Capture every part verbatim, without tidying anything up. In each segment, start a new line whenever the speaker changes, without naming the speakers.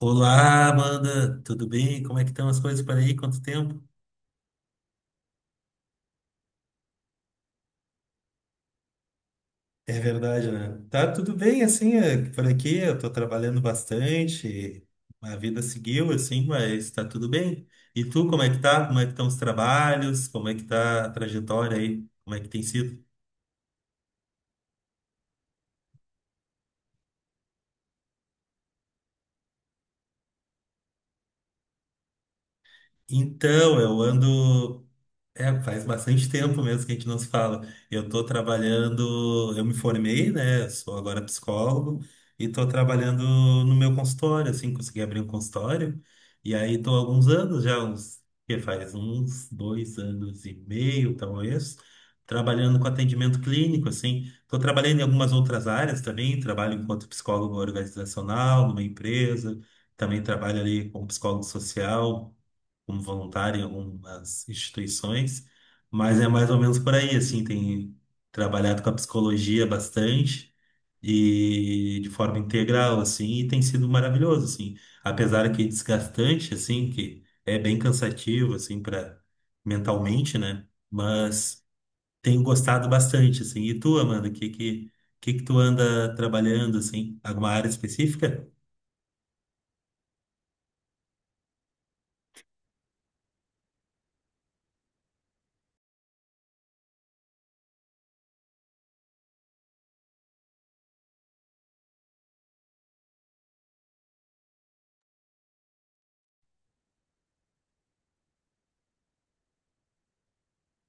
Olá, Amanda, tudo bem? Como é que estão as coisas por aí? Quanto tempo? É verdade, né? Tá tudo bem, assim, é, por aqui eu tô trabalhando bastante, a vida seguiu, assim, mas tá tudo bem. E tu, como é que tá? Como é que estão os trabalhos? Como é que tá a trajetória aí? Como é que tem sido? Então, eu ando É, faz bastante tempo mesmo que a gente não se fala. Eu estou trabalhando, eu me formei, né? Eu sou agora psicólogo e estou trabalhando no meu consultório, assim, consegui abrir um consultório. E aí estou há alguns anos já, uns, que faz uns dois anos e meio, talvez, trabalhando com atendimento clínico, assim. Estou trabalhando em algumas outras áreas também, trabalho enquanto psicólogo organizacional numa empresa, também trabalho ali como psicólogo social como voluntário em algumas instituições, mas é mais ou menos por aí, assim, tem trabalhado com a psicologia bastante e de forma integral, assim, e tem sido maravilhoso, assim, apesar que desgastante, assim, que é bem cansativo, assim, para mentalmente, né? Mas tenho gostado bastante, assim. E tu, Amanda, que que que que tu anda trabalhando, assim, alguma área específica?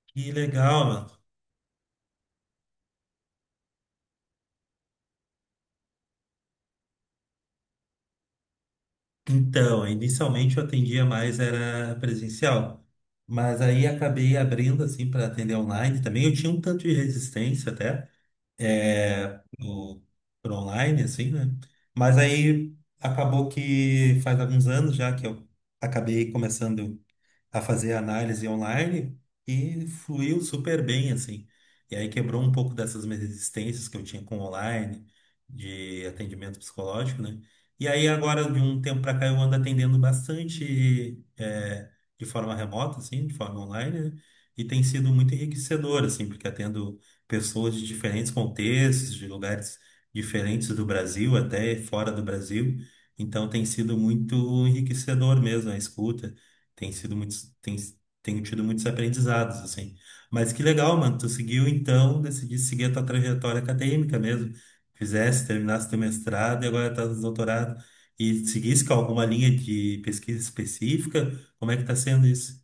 Que legal, mano. Então, inicialmente eu atendia mais era presencial, mas aí acabei abrindo assim para atender online também. Eu tinha um tanto de resistência até é, pro, pro online assim, né? Mas aí acabou que faz alguns anos já que eu acabei começando a fazer análise online e fluiu super bem, assim. E aí quebrou um pouco dessas minhas resistências que eu tinha com online, de atendimento psicológico, né? E aí agora, de um tempo para cá, eu ando atendendo bastante é, de forma remota, assim, de forma online, né? E tem sido muito enriquecedor, assim, porque atendo pessoas de diferentes contextos, de lugares diferentes do Brasil, até fora do Brasil. Então tem sido muito enriquecedor mesmo a escuta tem sido muitos, tem, tenho tido muitos aprendizados, assim. Mas que legal, mano, tu seguiu então, decidi seguir a tua trajetória acadêmica mesmo, fizesse, terminasse teu mestrado e agora tá no doutorado, e seguisse com alguma linha de pesquisa específica, como é que tá sendo isso?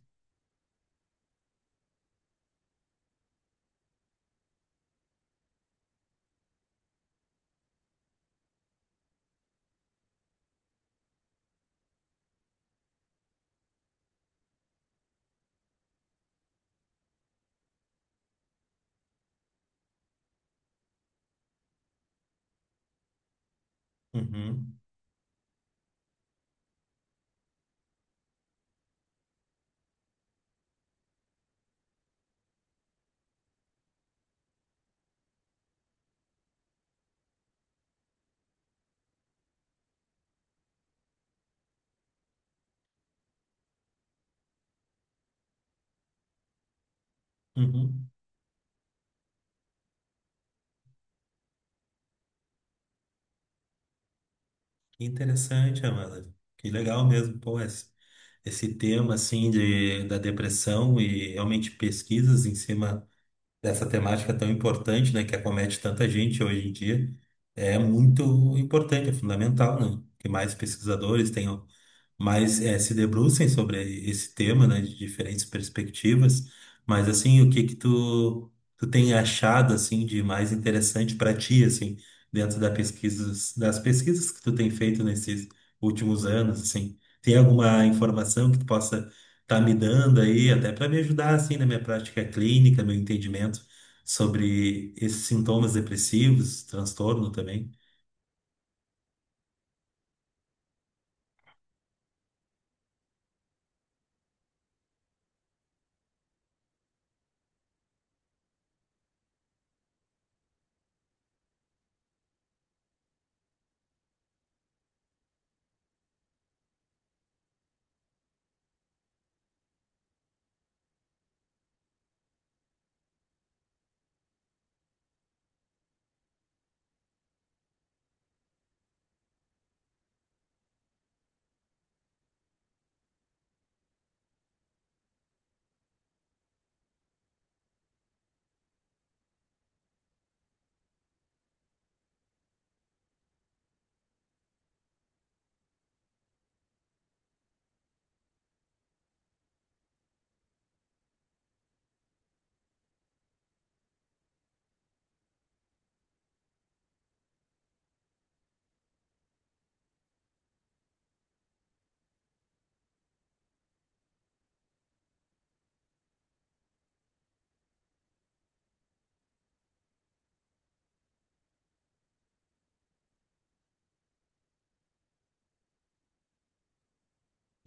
Uhum, uhum. Que interessante, Amanda, que legal mesmo, pô, esse, esse tema, assim, de, da depressão e realmente pesquisas em cima dessa temática tão importante, né, que acomete tanta gente hoje em dia, é muito importante, é fundamental, né? Que mais pesquisadores tenham mas é, se debrucem sobre esse tema, né, de diferentes perspectivas. Mas assim, o que que tu tu tem achado assim de mais interessante para ti assim dentro da pesquisas das pesquisas que tu tem feito nesses últimos anos assim? Tem alguma informação que tu possa estar me dando aí até para me ajudar assim na minha prática clínica, meu entendimento sobre esses sintomas depressivos, transtorno também?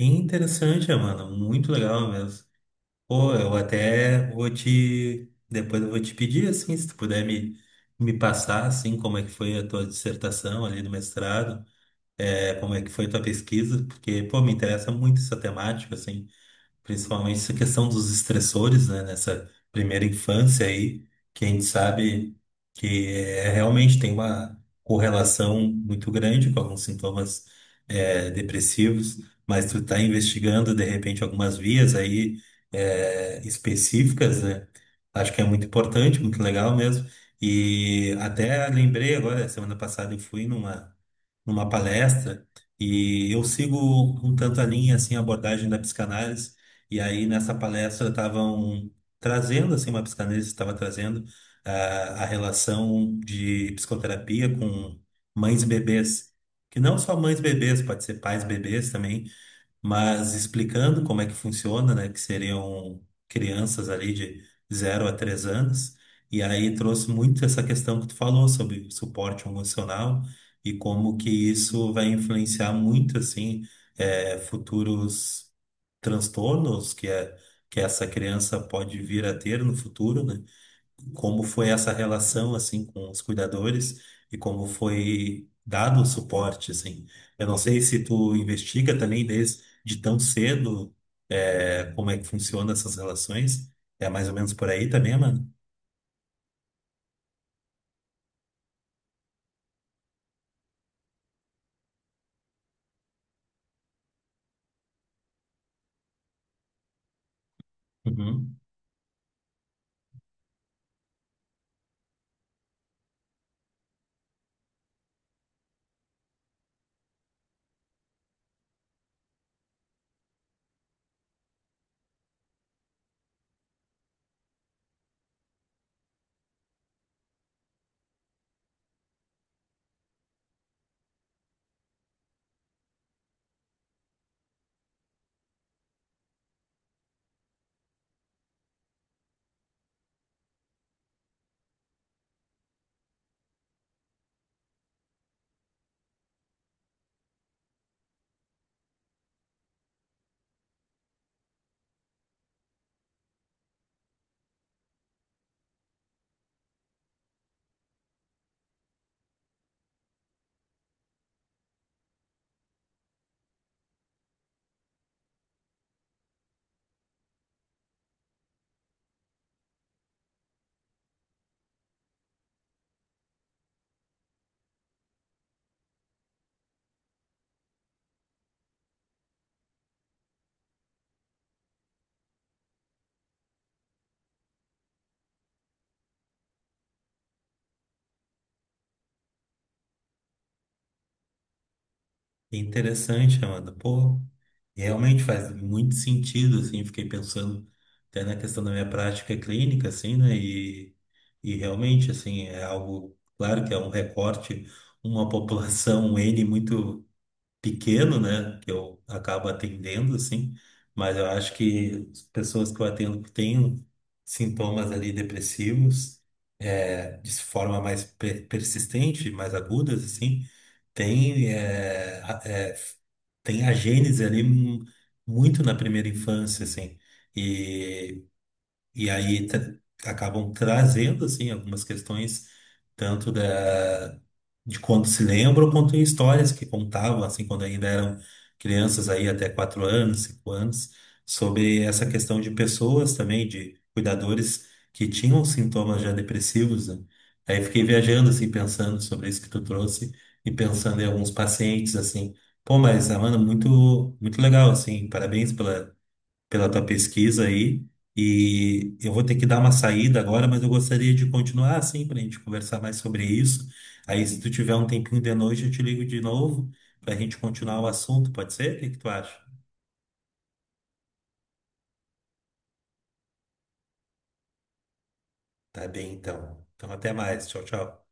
Interessante, Amanda, muito legal mesmo. Pô, eu até vou te. Depois eu vou te pedir, assim, se tu puder me, me passar, assim, como é que foi a tua dissertação ali no mestrado, é, como é que foi tua pesquisa, porque, pô, me interessa muito essa temática, assim principalmente essa questão dos estressores, né, nessa primeira infância aí, que a gente sabe que é, realmente tem uma correlação muito grande com alguns sintomas é, depressivos, mas tu tá investigando, de repente, algumas vias aí é, específicas, né, acho que é muito importante, muito legal mesmo, e até lembrei agora, semana passada eu fui numa numa palestra e eu sigo um tanto a linha assim a abordagem da psicanálise e aí nessa palestra estavam trazendo assim uma psicanalista estava trazendo ah, a relação de psicoterapia com mães e bebês, que não só mães e bebês, pode ser pais e bebês também, mas explicando como é que funciona, né, que seriam crianças ali de zero a três anos, e aí trouxe muito essa questão que tu falou sobre suporte emocional e como que isso vai influenciar muito, assim, eh, futuros transtornos que, é, que essa criança pode vir a ter no futuro, né? Como foi essa relação assim com os cuidadores e como foi dado o suporte assim. Eu não sei se tu investiga também desde de tão cedo é, como é que funcionam essas relações. É mais ou menos por aí também, mano. Uhum. Interessante, Amanda. Pô, realmente faz muito sentido, assim. Fiquei pensando até na questão da minha prática clínica, assim, né? E, e realmente, assim, é algo, claro que é um recorte, uma população um N muito pequeno, né, que eu acabo atendendo, assim, mas eu acho que as pessoas que eu atendo que têm sintomas ali depressivos, é, de forma mais per- persistente, mais agudas, assim, tem, é, a- é, f- tem a gênese ali mu- muito na primeira infância, assim, e, e aí tra- acabam trazendo, assim, algumas questões tanto da de quando se lembra ou quanto em histórias que contavam, assim, quando ainda eram crianças aí até quatro anos, cinco anos, sobre essa questão de pessoas também, de cuidadores que tinham sintomas já depressivos, né? Aí fiquei viajando, assim, pensando sobre isso que tu trouxe e pensando em alguns pacientes, assim, pô, mas, ah, mano, muito, muito legal, assim, parabéns pela pela tua pesquisa aí. E eu vou ter que dar uma saída agora, mas eu gostaria de continuar assim para a gente conversar mais sobre isso. Aí, se tu tiver um tempinho de noite, eu te ligo de novo para a gente continuar o assunto, pode ser? O que que tu acha? Tá bem, então. Então, até mais. Tchau, tchau.